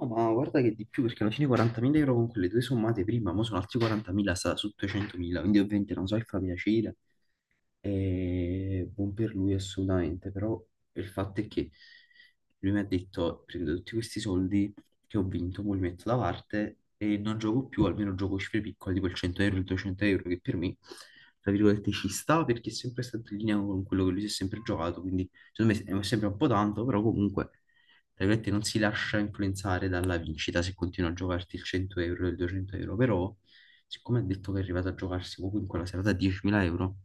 No, ma guarda che di più, perché alla fine 40.000 euro con quelle due sommate prima, mo sono altri 40.000, sta su 200.000, quindi ovviamente non so se fa piacere, e buon per lui assolutamente. Però il fatto è che lui mi ha detto prendo tutti questi soldi che ho vinto, mo li metto da parte e non gioco più, almeno gioco cifre piccole, tipo il 100 euro, il 200 euro, che per me, tra virgolette, ci sta, perché è sempre stato in linea con quello che lui si è sempre giocato, quindi secondo me è sempre un po' tanto. Però comunque, tra virgolette, non si lascia influenzare dalla vincita se continua a giocarti il 100 euro, il 200 euro. Però siccome ha detto che è arrivato a giocarsi comunque la serata a 10.000 euro,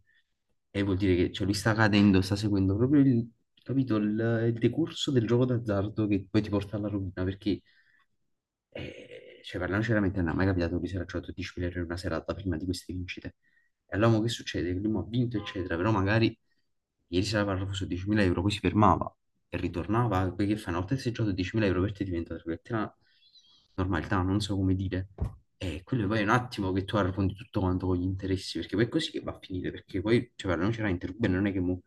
e vuol dire che, cioè, lui sta cadendo, sta seguendo proprio il, capito, il decorso del gioco d'azzardo che poi ti porta alla rovina, perché e, cioè, parliamoci veramente, non è mai capitato che si era giocato 10 milioni in una serata prima di queste vincite. E allora mo che succede? Che lui mo ha vinto, eccetera, però magari ieri sera parlavo su 10.000 euro, poi si fermava e ritornava, poi che fa? Una volta che sei giocato 10.000 euro, per te diventa, tra virgolette, una normalità, non so come dire. E quello poi è un attimo che tu arrotondi tutto quanto con gli interessi, perché poi è così che va a finire, perché poi, cioè, parliamoci veramente, Ruben non è che mo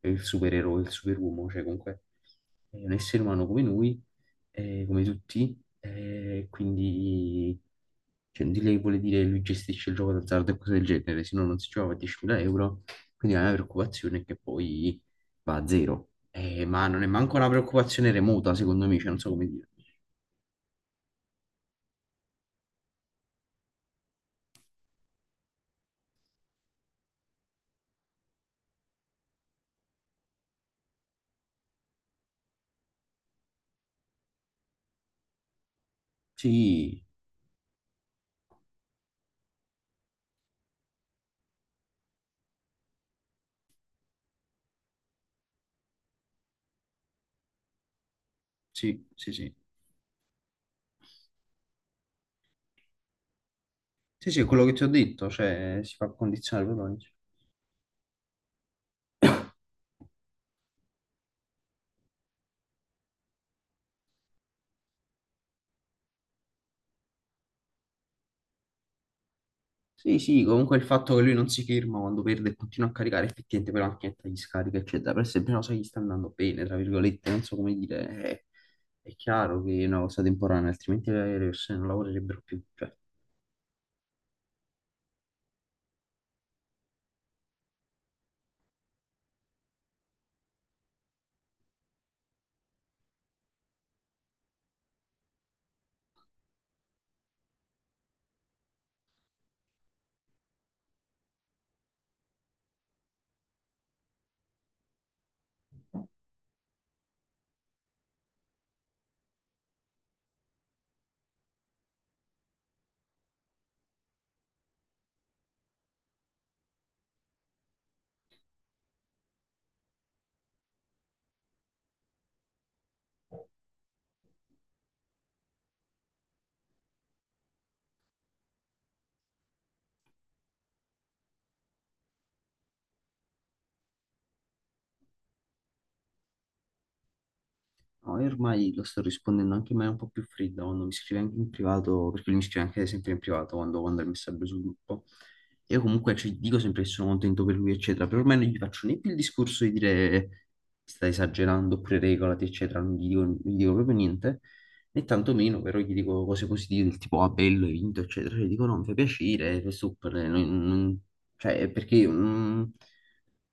è il supereroe, il superuomo, cioè comunque è un essere umano come noi, come tutti, quindi cioè, di lei vuole dire lui gestisce il gioco d'azzardo e cose del genere, se no non si giocava a 10.000 euro. Quindi la mia preoccupazione è che poi va a zero. Ma non è manco una preoccupazione remota, secondo me, cioè, non so come dire. Sì, sì, sì, sì. Sì, sì, è quello che ti ho detto, cioè si fa condizionare proprio. Sì, sì, comunque il fatto che lui non si ferma quando perde e continua a caricare effettivamente poi la macchinetta gli scarica, eccetera, per esempio, non so, gli sta andando bene, tra virgolette, non so come dire, è chiaro che è una cosa temporanea, altrimenti le persone non lavorerebbero più, cioè. Ormai lo sto rispondendo anche in maniera un po' più fredda quando mi scrive anche in privato, perché lui mi scrive anche sempre in privato quando manda il messaggio sul gruppo. Io comunque ci dico sempre che sono contento per lui, eccetera, però ormai non gli faccio né più il discorso di dire stai esagerando oppure regolati, eccetera, non gli dico proprio niente, né tantomeno però gli dico cose positive del tipo ah bello, hai vinto, eccetera, cioè, gli dico no, mi fa piacere, è super, cioè perché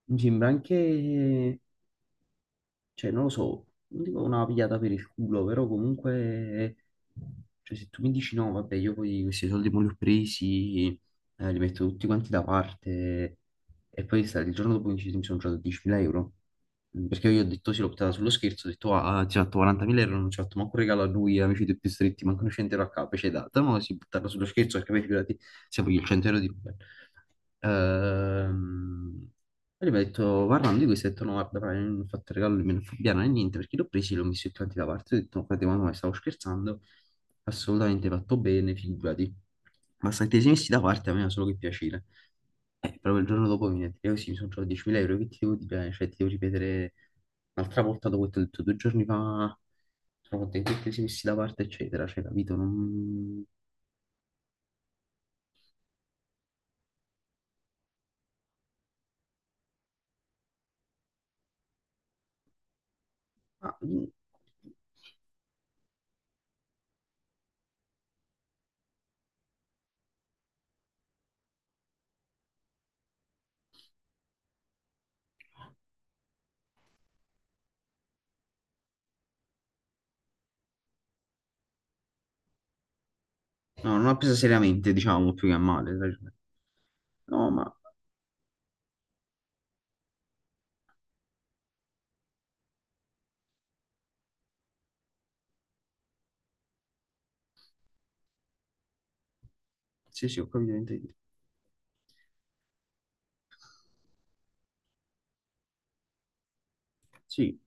mi sembra anche cioè non lo so, non dico una pigliata per il culo, però comunque, cioè se tu mi dici no, vabbè, io poi questi soldi me li ho presi, li metto tutti quanti da parte, e poi il giorno dopo mi dici, mi sono giocato 10.000 euro. Perché io ho detto sì, l'ho buttata sullo scherzo, ho detto ah, ti ho fatto 40.000 euro, non ci ho fatto manco un regalo a lui, amici dei più stretti, manco un 100 euro a capo, ci hai dato, ma si buttata sullo scherzo, perché poi figurati, se voglio il 100 euro di Ruben. Ehm, Poi mi ha detto, parlando di questo, ho detto, no, guarda, fra, io non ho fatto regalo, non me ne fa piano né niente, perché l'ho preso, e l'ho messo tutti quanti da parte, ho detto, no, frate, ma no, stavo scherzando, assolutamente fatto bene, figurati. Ma se ti sei messi da parte, a me fa solo che piacere. Proprio il giorno dopo mi ha detto, così, mi sono trovato 10.000 euro, che ti devo dire? Cioè, ti devo ripetere un'altra volta dopo che ti ho detto due giorni fa, sono contento che ti sei messi da parte, eccetera, cioè, capito? Non... ah, No, non ha preso seriamente, diciamo, più che a male. No, ma sì, sì, ho capito che intendi. Sì,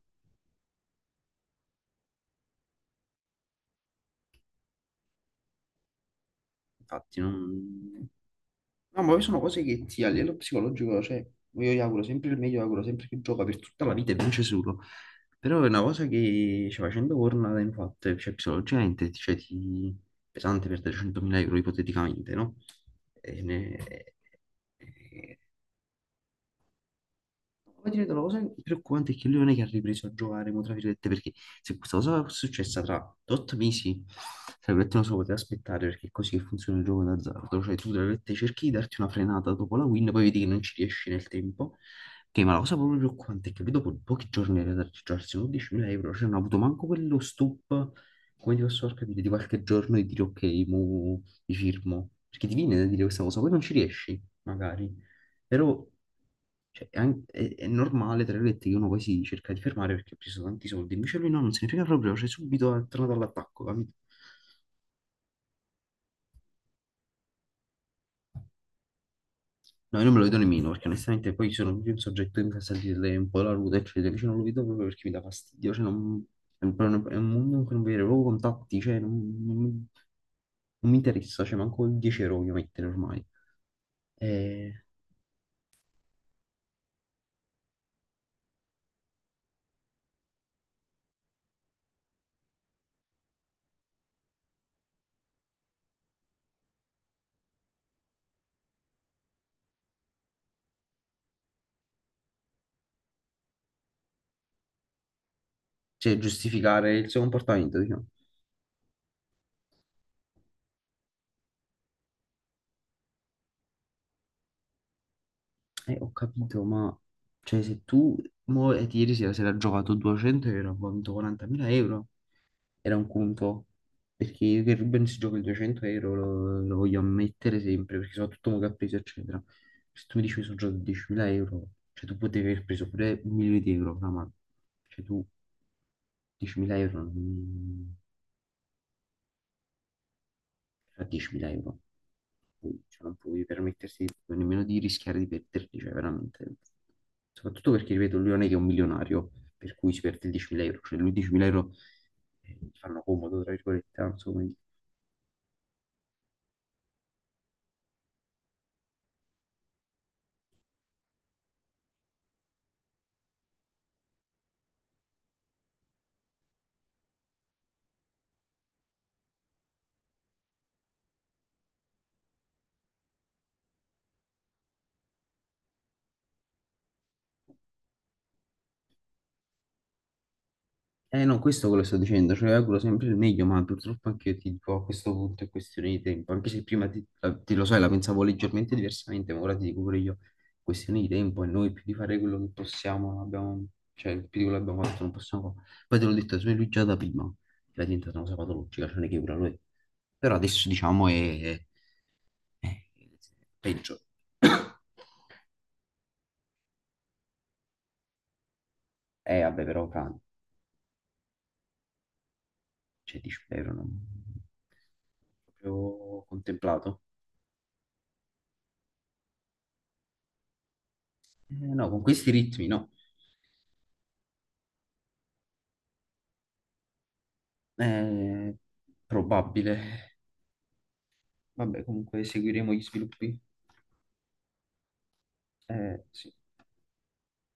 infatti, non... No, ma poi sono cose che ti a livello psicologico, cioè, io gli auguro sempre il meglio, gli auguro sempre che gioca per tutta la vita e vince solo. Però è una cosa che, cioè, facendo corna, infatti, cioè, psicologicamente, cioè, ti... pesante perdere 100.000 euro ipoteticamente, no? E ne- Poi ti vedo una cosa preoccupante è che lui non è che ha ripreso a giocare, mo, tra virgolette, perché se questa cosa fosse successa tra 8 mesi, tra virgolette non so, poteva aspettare perché è così che funziona il gioco d'azzardo, cioè tu tra virgolette cerchi di darti una frenata dopo la win, poi vedi che non ci riesci nel tempo, che ma la cosa proprio preoccupante è che lui dopo pochi giorni era da registrarsi 11.000 euro, cioè non ha avuto manco quello stop, come ti posso far capire, di qualche giorno e dire ok, mo mi firmo, perché ti viene da dire questa cosa, poi non ci riesci, magari. Però cioè, è, è normale, tra virgolette, che uno poi si cerca di fermare perché ha preso tanti soldi. Invece lui no, non se ne frega proprio, cioè subito è tornato all'attacco, capito? No, io non me lo vedo nemmeno, perché onestamente poi sono proprio un soggetto che mi fa sentire un po' la ruta, eccetera. Invece non lo vedo proprio perché mi dà fastidio, cioè è un mondo in cui non vedo proprio contatti, cioè non, non mi non mi interessa, cioè manco il 10 euro voglio mettere ormai. Eh, cioè giustificare il suo comportamento, diciamo. Ho capito, ma cioè, se tu mo, ieri sera si era giocato 200 euro, ha vinto 40.000 euro, era un conto, perché io che Ruben si gioca il 200 euro lo voglio ammettere sempre, perché soprattutto mo che ha preso, eccetera. Se tu mi dici che sono giocato 10.000 euro, cioè tu potevi aver preso pure un milione di euro, fra mano. Cioè tu 10.000 euro, cioè, 10.000 euro, cioè, non puoi permettersi nemmeno di rischiare di perderli, cioè veramente. Soprattutto perché, ripeto, lui non è che è un milionario, per cui si perde 10.000 euro, cioè lui 10.000 euro gli fanno comodo, tra virgolette, non so come dire. Eh no, questo è quello che sto dicendo, cioè auguro sempre il meglio, ma purtroppo anche io ti dico, a questo punto è questione di tempo, anche se prima ti, lo sai, la pensavo leggermente diversamente, ma ora ti dico pure io, è questione di tempo e noi più di fare quello che possiamo, non abbiamo, cioè più di quello che abbiamo fatto non possiamo fare. Poi te l'ho detto, se lui già da prima era diventata una cosa patologica, cioè non è che ora lo è, però adesso diciamo è, è peggio. Vabbè, però, Cani, cioè, ti spero, non proprio contemplato. No, con questi ritmi, no. Eh, probabile. Vabbè, comunque seguiremo gli sviluppi. Sì.